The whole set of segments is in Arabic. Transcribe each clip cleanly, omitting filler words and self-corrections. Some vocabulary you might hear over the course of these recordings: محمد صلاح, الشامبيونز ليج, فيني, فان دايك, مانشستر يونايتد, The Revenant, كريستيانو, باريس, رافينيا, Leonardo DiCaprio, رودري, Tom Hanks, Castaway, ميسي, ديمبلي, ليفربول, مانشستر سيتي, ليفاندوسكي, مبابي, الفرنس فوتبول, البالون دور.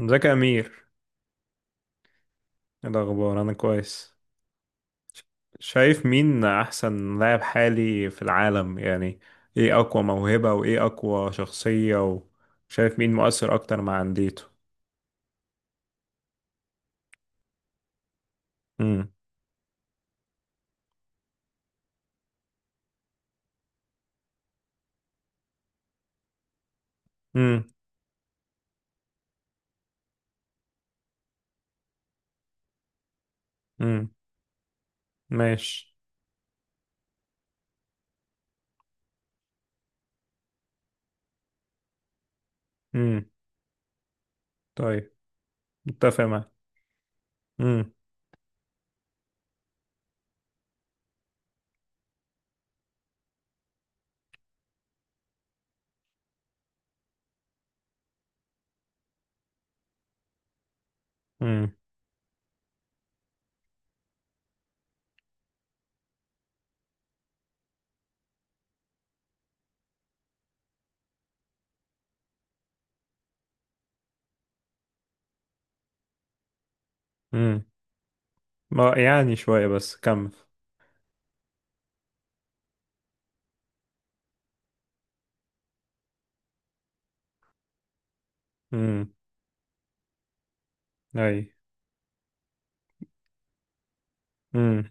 ازيك يا امير؟ ايه الاخبار؟ انا كويس. شايف مين احسن لاعب حالي في العالم يعني؟ ايه اقوى موهبة وايه اقوى شخصية؟ وشايف مين مؤثر اكتر مع انديته؟ امم. امم. امم. ماشي. امم. طيب. متفق معاك. امم. امم. امم. ما يعني شوية بس كمل. امم. اي. امم.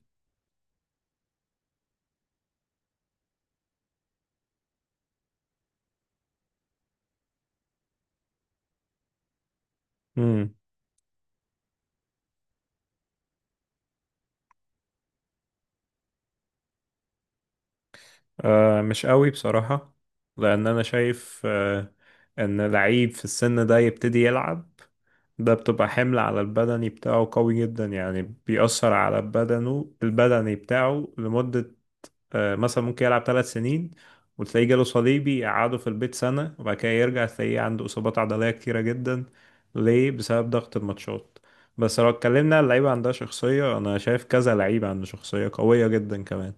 امم. آه، مش قوي بصراحة. لان انا شايف ان لعيب في السن ده يبتدي يلعب، ده بتبقى حمل على البدني بتاعه قوي جدا، يعني بيأثر على بدنه البدني بتاعه لمدة. مثلا ممكن يلعب 3 سنين وتلاقيه جاله صليبي يقعده في البيت سنة، وبعد كده يرجع تلاقيه عنده إصابات عضلية كتيرة جدا. ليه؟ بسبب ضغط الماتشات. بس لو اتكلمنا عن لعيبة عندها شخصية، أنا شايف كذا لعيبة عنده شخصية قوية جدا كمان.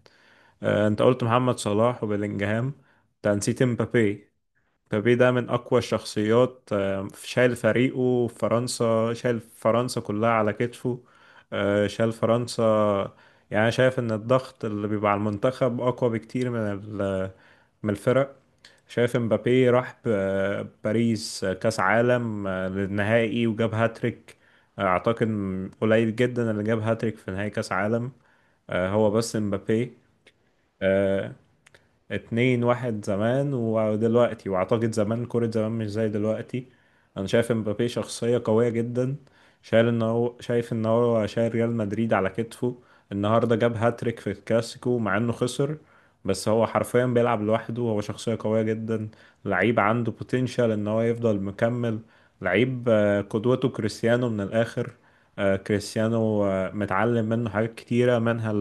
أنت قلت محمد صلاح وبيلينجهام. أنت نسيت مبابي. مبابي ده من أقوى الشخصيات، شايل فريقه في فرنسا، شايل فرنسا كلها على كتفه. شايل فرنسا. يعني أنا شايف إن الضغط اللي بيبقى على المنتخب أقوى بكتير من الفرق. شايف مبابي راح باريس، كأس عالم، للنهائي وجاب هاتريك. أعتقد قليل جدا اللي جاب هاتريك في نهائي كأس عالم، هو بس مبابي. اتنين، واحد زمان ودلوقتي، واعتقد زمان كرة زمان مش زي دلوقتي. انا شايف امبابي شخصية قوية جدا، شايل ان هو شايف ان هو شايل ريال مدريد على كتفه. النهاردة جاب هاتريك في الكلاسيكو مع انه خسر، بس هو حرفيا بيلعب لوحده، هو شخصية قوية جدا. لعيب عنده بوتنشال ان هو يفضل مكمل. لعيب قدوته كريستيانو من الاخر. كريستيانو متعلم منه حاجات كتيرة، منها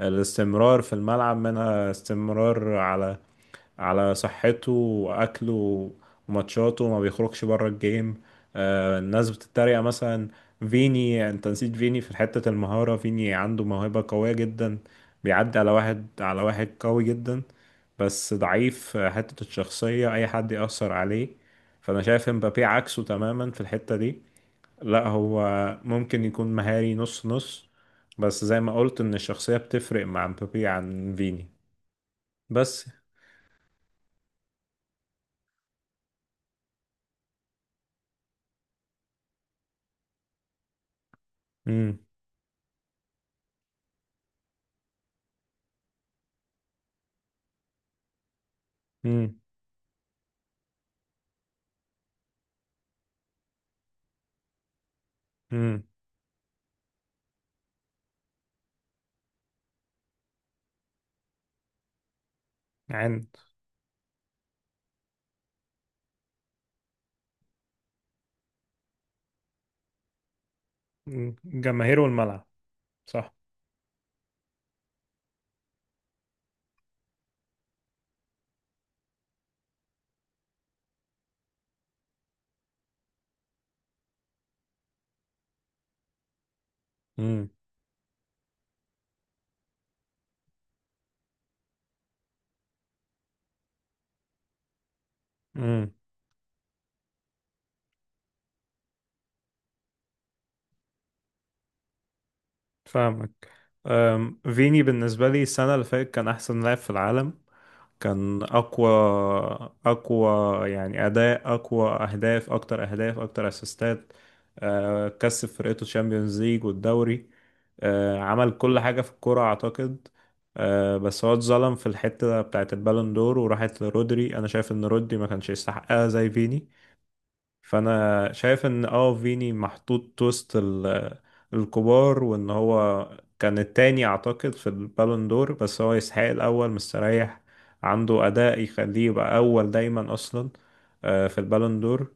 الاستمرار في الملعب، منها استمرار على صحته واكله وماتشاته، ما بيخرجش بره الجيم. الناس بتتريق مثلا فيني، انت نسيت فيني في حتة المهارة. فيني عنده موهبة قوية جدا، بيعدي على واحد على واحد قوي جدا، بس ضعيف في حتة الشخصية، اي حد يأثر عليه. فانا شايف مبابي عكسه تماما في الحتة دي. لا، هو ممكن يكون مهاري نص نص، بس زي ما قلت ان الشخصية بتفرق مع مبابي عن فيني. بس. امم. امم. امم. عند. مم. جماهير والملعب. صح. امم. امم. فاهمك. فيني بالنسبة لي السنة اللي فاتت كان أحسن لاعب في العالم. كان اقوى، اقوى، يعني اداء اقوى، اهداف اكتر، اهداف اكتر اسيستات. كسب فرقته الشامبيونز ليج والدوري. عمل كل حاجه في الكوره اعتقد. بس هو اتظلم في الحته بتاعت البالون دور وراحت لرودري. انا شايف ان رودري ما كانش يستحقها زي فيني. فانا شايف ان فيني محطوط وسط الكبار، وان هو كان التاني اعتقد في البالون دور. بس هو يستحق الاول مستريح، عنده اداء يخليه يبقى اول دايما اصلا في البالون دور.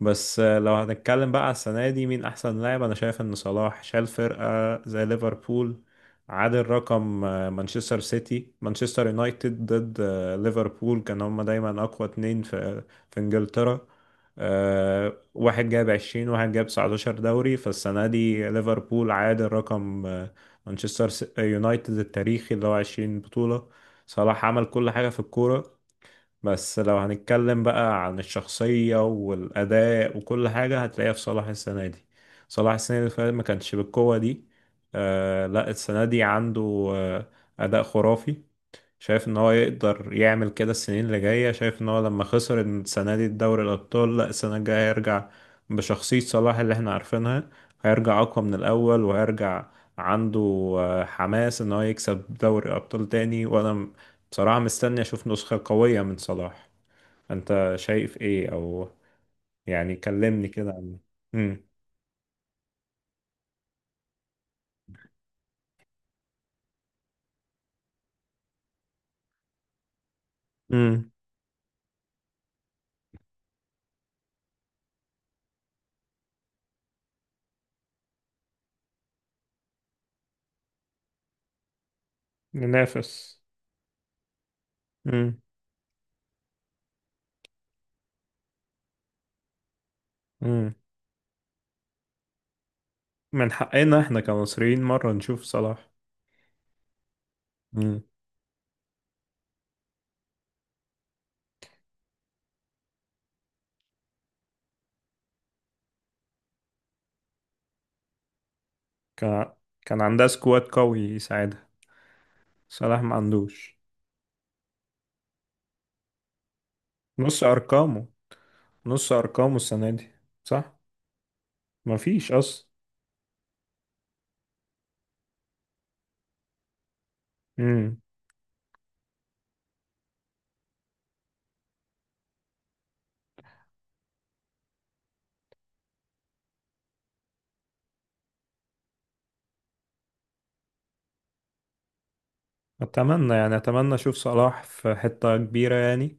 بس لو هنتكلم بقى على السنه دي مين احسن لاعب؟ انا شايف ان صلاح شال فرقه زي ليفربول، عادل رقم. مانشستر سيتي، مانشستر يونايتد ضد ليفربول كان هما دايما اقوى اتنين في انجلترا. واحد جاب 20، واحد جاب 19 دوري. فالسنة دي ليفربول عادل رقم مانشستر يونايتد التاريخي اللي هو 20 بطولة. صلاح عمل كل حاجة في الكورة. بس لو هنتكلم بقى عن الشخصية والأداء وكل حاجة هتلاقيها في صلاح السنة دي. صلاح السنة اللي فاتت ما كانش بالقوة دي. لا، السنة دي عنده آه أداء خرافي. شايف ان هو يقدر يعمل كده السنين اللي جاية. شايف ان هو لما خسر السنة دي الدوري الابطال، لا، السنة الجاية هيرجع بشخصية صلاح اللي احنا عارفينها. هيرجع اقوى من الاول، وهيرجع عنده حماس ان هو يكسب دوري ابطال تاني. وانا بصراحة مستني اشوف نسخة قوية من صلاح. انت شايف ايه؟ او يعني كلمني كده عن. امم. امم. ننافس. امم. امم. من حقنا احنا كمصريين مرة نشوف صلاح. مم. كان كان عندها سكواد قوي يساعدها. صلاح ما عندوش. نص ارقامه، نص ارقامه السنه دي. صح. مفيش اصلا. امم. اتمنى، يعني اتمنى اشوف صلاح في حته كبيره يعني.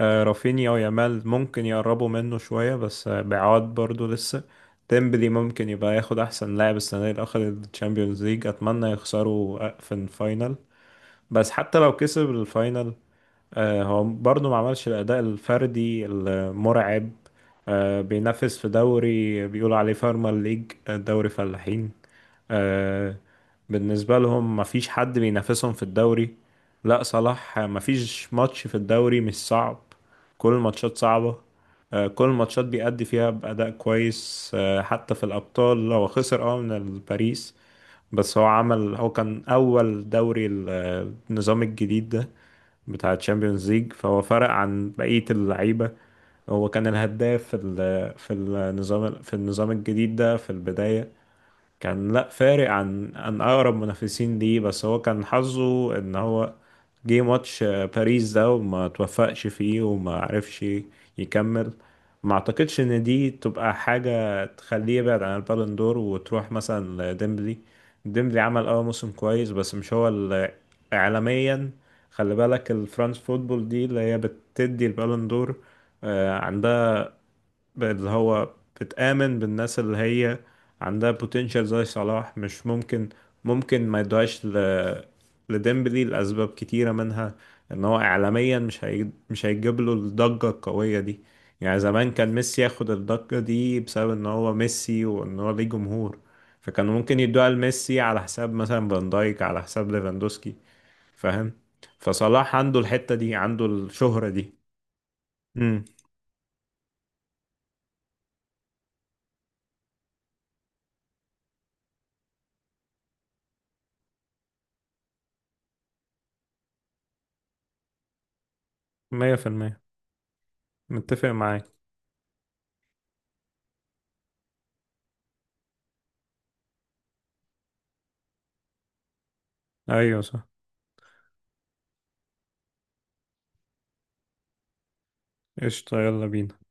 رافينيا ويامال ممكن يقربوا منه شويه، بس بعاد برضو لسه. ديمبلي ممكن يبقى ياخد احسن لاعب السنه دي، اللي اخد الشامبيونز ليج. اتمنى يخسروا في الفاينل. بس حتى لو كسب الفاينل، هو برضه ما عملش الأداء الفردي المرعب. بينافس في دوري بيقولوا عليه فارما ليج، دوري فلاحين. آه، بالنسبة لهم ما فيش حد بينافسهم في الدوري. لا صلاح. ما فيش ماتش في الدوري مش صعب، كل الماتشات صعبة. كل الماتشات بيأدي فيها بأداء كويس. حتى في الأبطال هو خسر من الباريس. بس هو كان أول دوري النظام الجديد ده بتاع تشامبيونز ليج، فهو فرق عن بقية اللعيبة. هو كان الهداف في النظام الجديد ده في البداية. كان، لا فارق عن اقرب منافسين ليه. بس هو كان حظه ان هو جه ماتش باريس ده وما توفقش فيه وما عرفش يكمل. ما اعتقدش ان دي تبقى حاجة تخليه يبعد عن البالون دور وتروح مثلا لديمبلي. ديمبلي عمل موسم كويس، بس مش هو اللي عالميا. خلي بالك الفرنس فوتبول دي اللي هي بتدي البالون دور، عندها بقت اللي هو بتآمن بالناس اللي هي عندها potential زي صلاح، مش ممكن ممكن ما يدوهاش لديمبلي لأسباب كتيرة، منها إن هو إعلاميا مش هيجيب له الضجة القوية دي. يعني زمان كان ميسي ياخد الضجة دي بسبب إن هو ميسي وإن هو ليه جمهور، فكانوا ممكن يدوها لميسي على حساب مثلا فان دايك، على حساب ليفاندوسكي. فاهم. فصلاح عنده الحتة دي، عنده الشهرة دي. امم. 100%. متفق معاك. ايوه، صح. قشطة، يلا بينا.